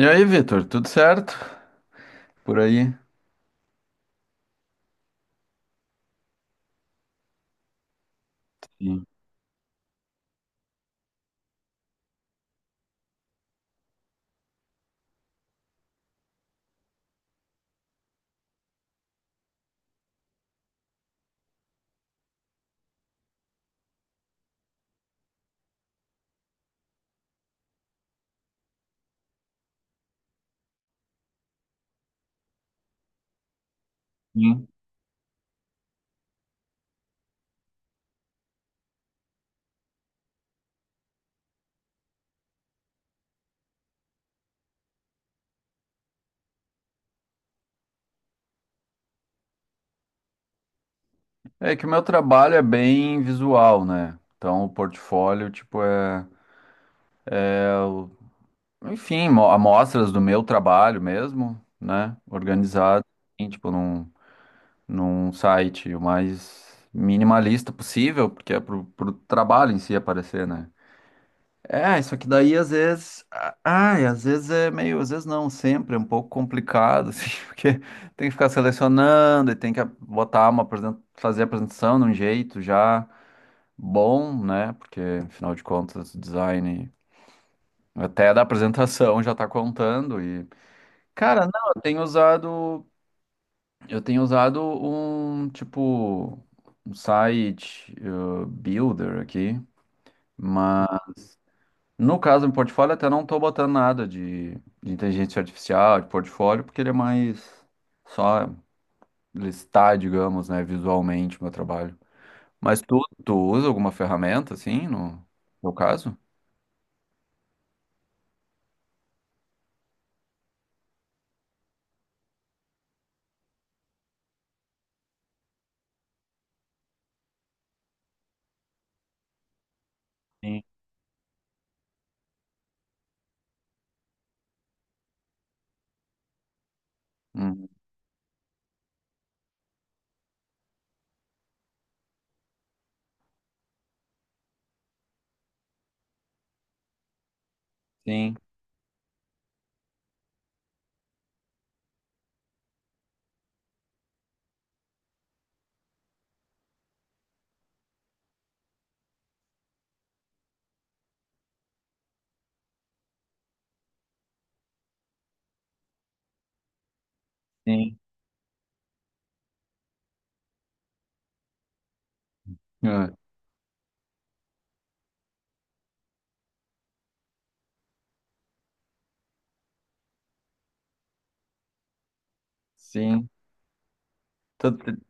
E aí, Vitor, tudo certo por aí? Sim. Sim. É que o meu trabalho é bem visual, né? Então, o portfólio, tipo, é o, enfim, amostras do meu trabalho mesmo, né? Organizado, assim, tipo, num site o mais minimalista possível, porque é pro trabalho em si aparecer, né? É, isso aqui daí às Ai, às vezes é meio. Às vezes não, sempre é um pouco complicado, assim, porque tem que ficar selecionando e tem que botar fazer a apresentação de um jeito já bom, né? Porque, afinal de contas, o design até da apresentação já tá contando. Cara, não, eu tenho usado. Eu tenho usado um, tipo, um site builder aqui, mas. No caso, em portfólio, até não estou botando nada de inteligência artificial, de portfólio, porque ele é mais só listar, digamos, né, visualmente o meu trabalho. Mas tu usa alguma ferramenta, assim, no no caso? Sim. Hum. Sim, sim. É, sim. Tu- tu-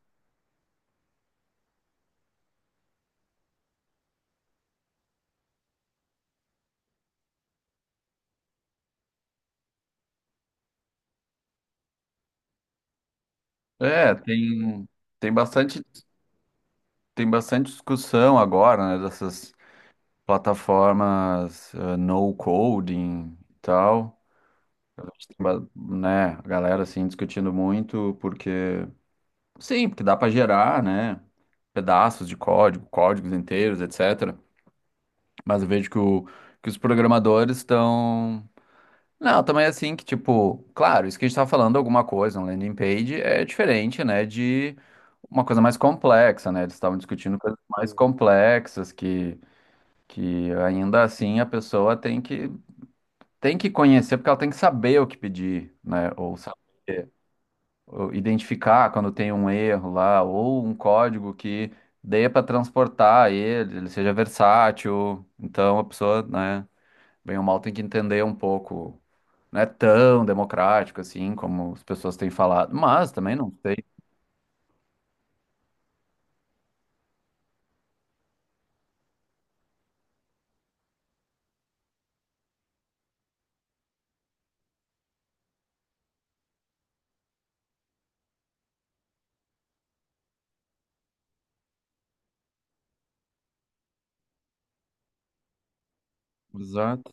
É, tem bastante, tem bastante discussão agora, né, dessas plataformas, no coding e tal. Né, a galera assim discutindo muito porque sim, porque dá para gerar, né, pedaços de código, códigos inteiros, etc. Mas eu vejo que os programadores estão. Não, também é assim que tipo, claro, isso que a gente tá falando alguma coisa, um landing page é diferente, né, de uma coisa mais complexa, né? Eles estavam discutindo coisas mais. Hum. Complexas que ainda assim a pessoa tem que conhecer porque ela tem que saber o que pedir, né, ou saber. Ou identificar quando tem um erro lá, ou um código que dê para transportar ele, ele seja versátil. Então a pessoa, né, bem ou mal tem que entender um pouco. Não é tão democrático assim como as pessoas têm falado, mas também não sei. Exato.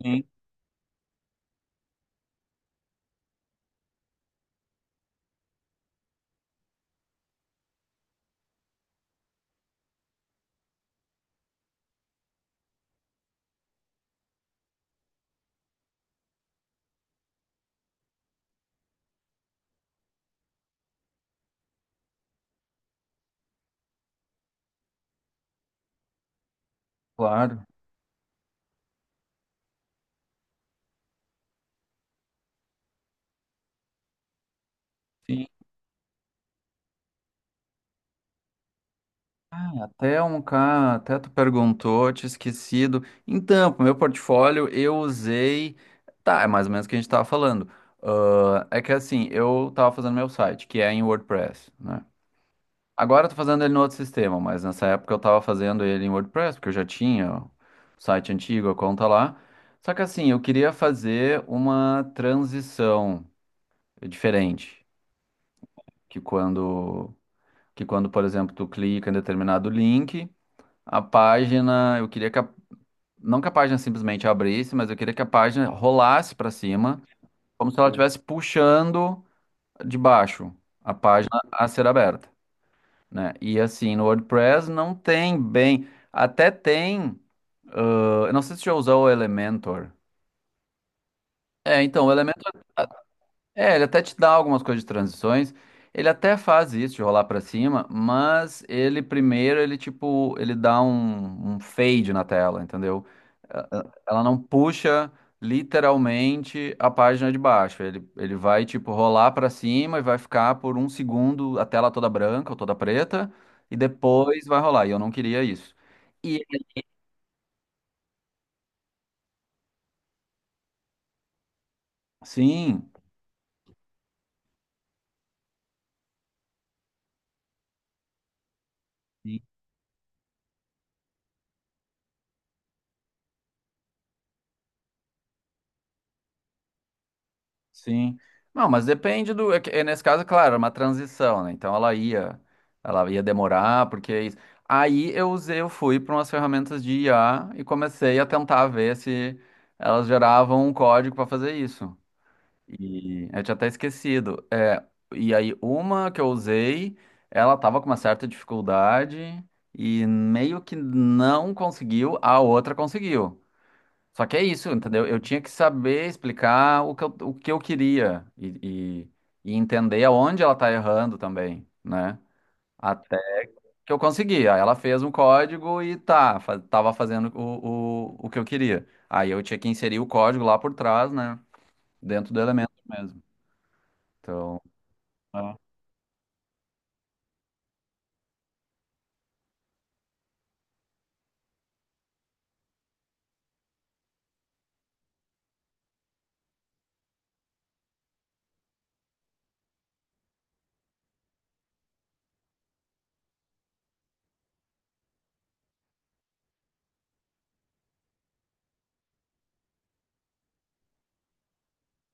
Sim, claro. Sim. Até um cara, até tu perguntou, tinha esquecido. Então, pro meu portfólio eu usei. Tá, é mais ou menos o que a gente tava falando. Ah, é que assim, eu tava fazendo meu site, que é em WordPress, né? Agora eu tô fazendo ele no outro sistema, mas nessa época eu tava fazendo ele em WordPress, porque eu já tinha o site antigo, a conta lá. Só que assim, eu queria fazer uma transição diferente, que quando, que quando, por exemplo, tu clica em determinado link a página, eu queria que não que a página simplesmente abrisse, mas eu queria que a página rolasse para cima, como se ela. Hum. Estivesse puxando de baixo a página a ser aberta, né? E assim, no WordPress não tem bem, até tem, ah, eu não sei se você já usou o Elementor. É, então, o. É, ele até te dá algumas coisas de transições. Ele até faz isso de rolar pra cima, mas ele primeiro ele tipo, ele dá um fade na tela, entendeu? Ela não puxa literalmente a página de baixo. Ele vai tipo rolar pra cima e vai ficar por um segundo a tela toda branca ou toda preta e depois vai rolar. E eu não queria isso. E sim, sim. Sim. Não, mas depende do. É, é nesse caso, claro, era uma transição, né? Então ela ela ia demorar, porque é isso. Aí eu usei, eu fui para umas ferramentas de IA e comecei a tentar ver se elas geravam um código para fazer isso. E eu tinha até esquecido. É, e aí uma que eu usei, ela tava com uma certa dificuldade e meio que não conseguiu, a outra conseguiu. Só que é isso, entendeu? Eu tinha que saber explicar o que o que eu queria e entender aonde ela tá errando também, né? Até que eu consegui. Aí ela fez um código e tá, fa tava fazendo o que eu queria. Aí eu tinha que inserir o código lá por trás, né? Dentro do elemento mesmo. Então, é,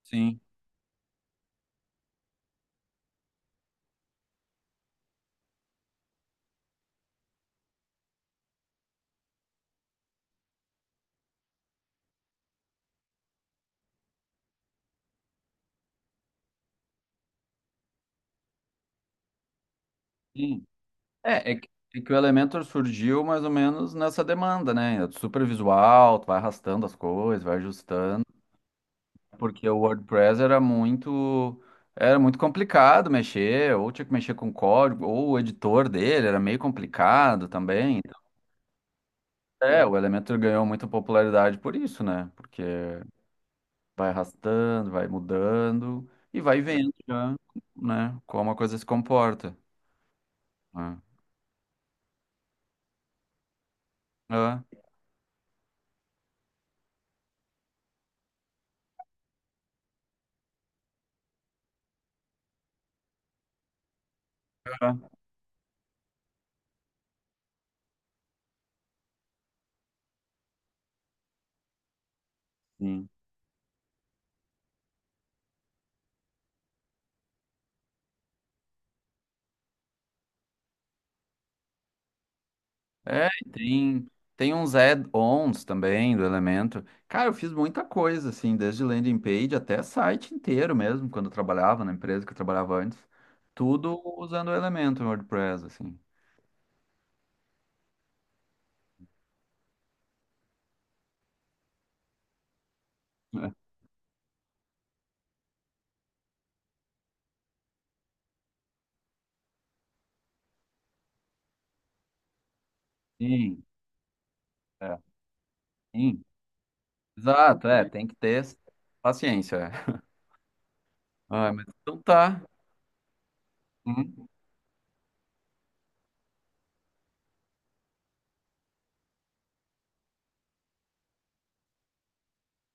sim. Sim. É, é que, é que o Elementor surgiu mais ou menos nessa demanda, né? É super visual, tu vai arrastando as coisas, vai ajustando. Porque o WordPress era muito complicado mexer, ou tinha que mexer com código, ou o editor dele era meio complicado também. Então, é, o Elementor ganhou muita popularidade por isso, né? Porque vai arrastando, vai mudando e vai vendo já, né, como a coisa se comporta. Né? É, é, sim. É, e tem, tem uns add-ons também do Elemento. Cara, eu fiz muita coisa, assim, desde landing page até site inteiro mesmo, quando eu trabalhava na empresa que eu trabalhava antes. Tudo usando o Elemento no WordPress, assim. É. Sim, é, sim. Exato, é, tem que ter paciência. É. Ah, mas então tá. Uhum.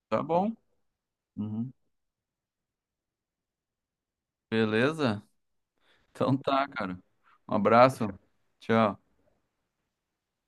Tá bom. Uhum. Beleza? Então tá, cara. Um abraço. Tchau.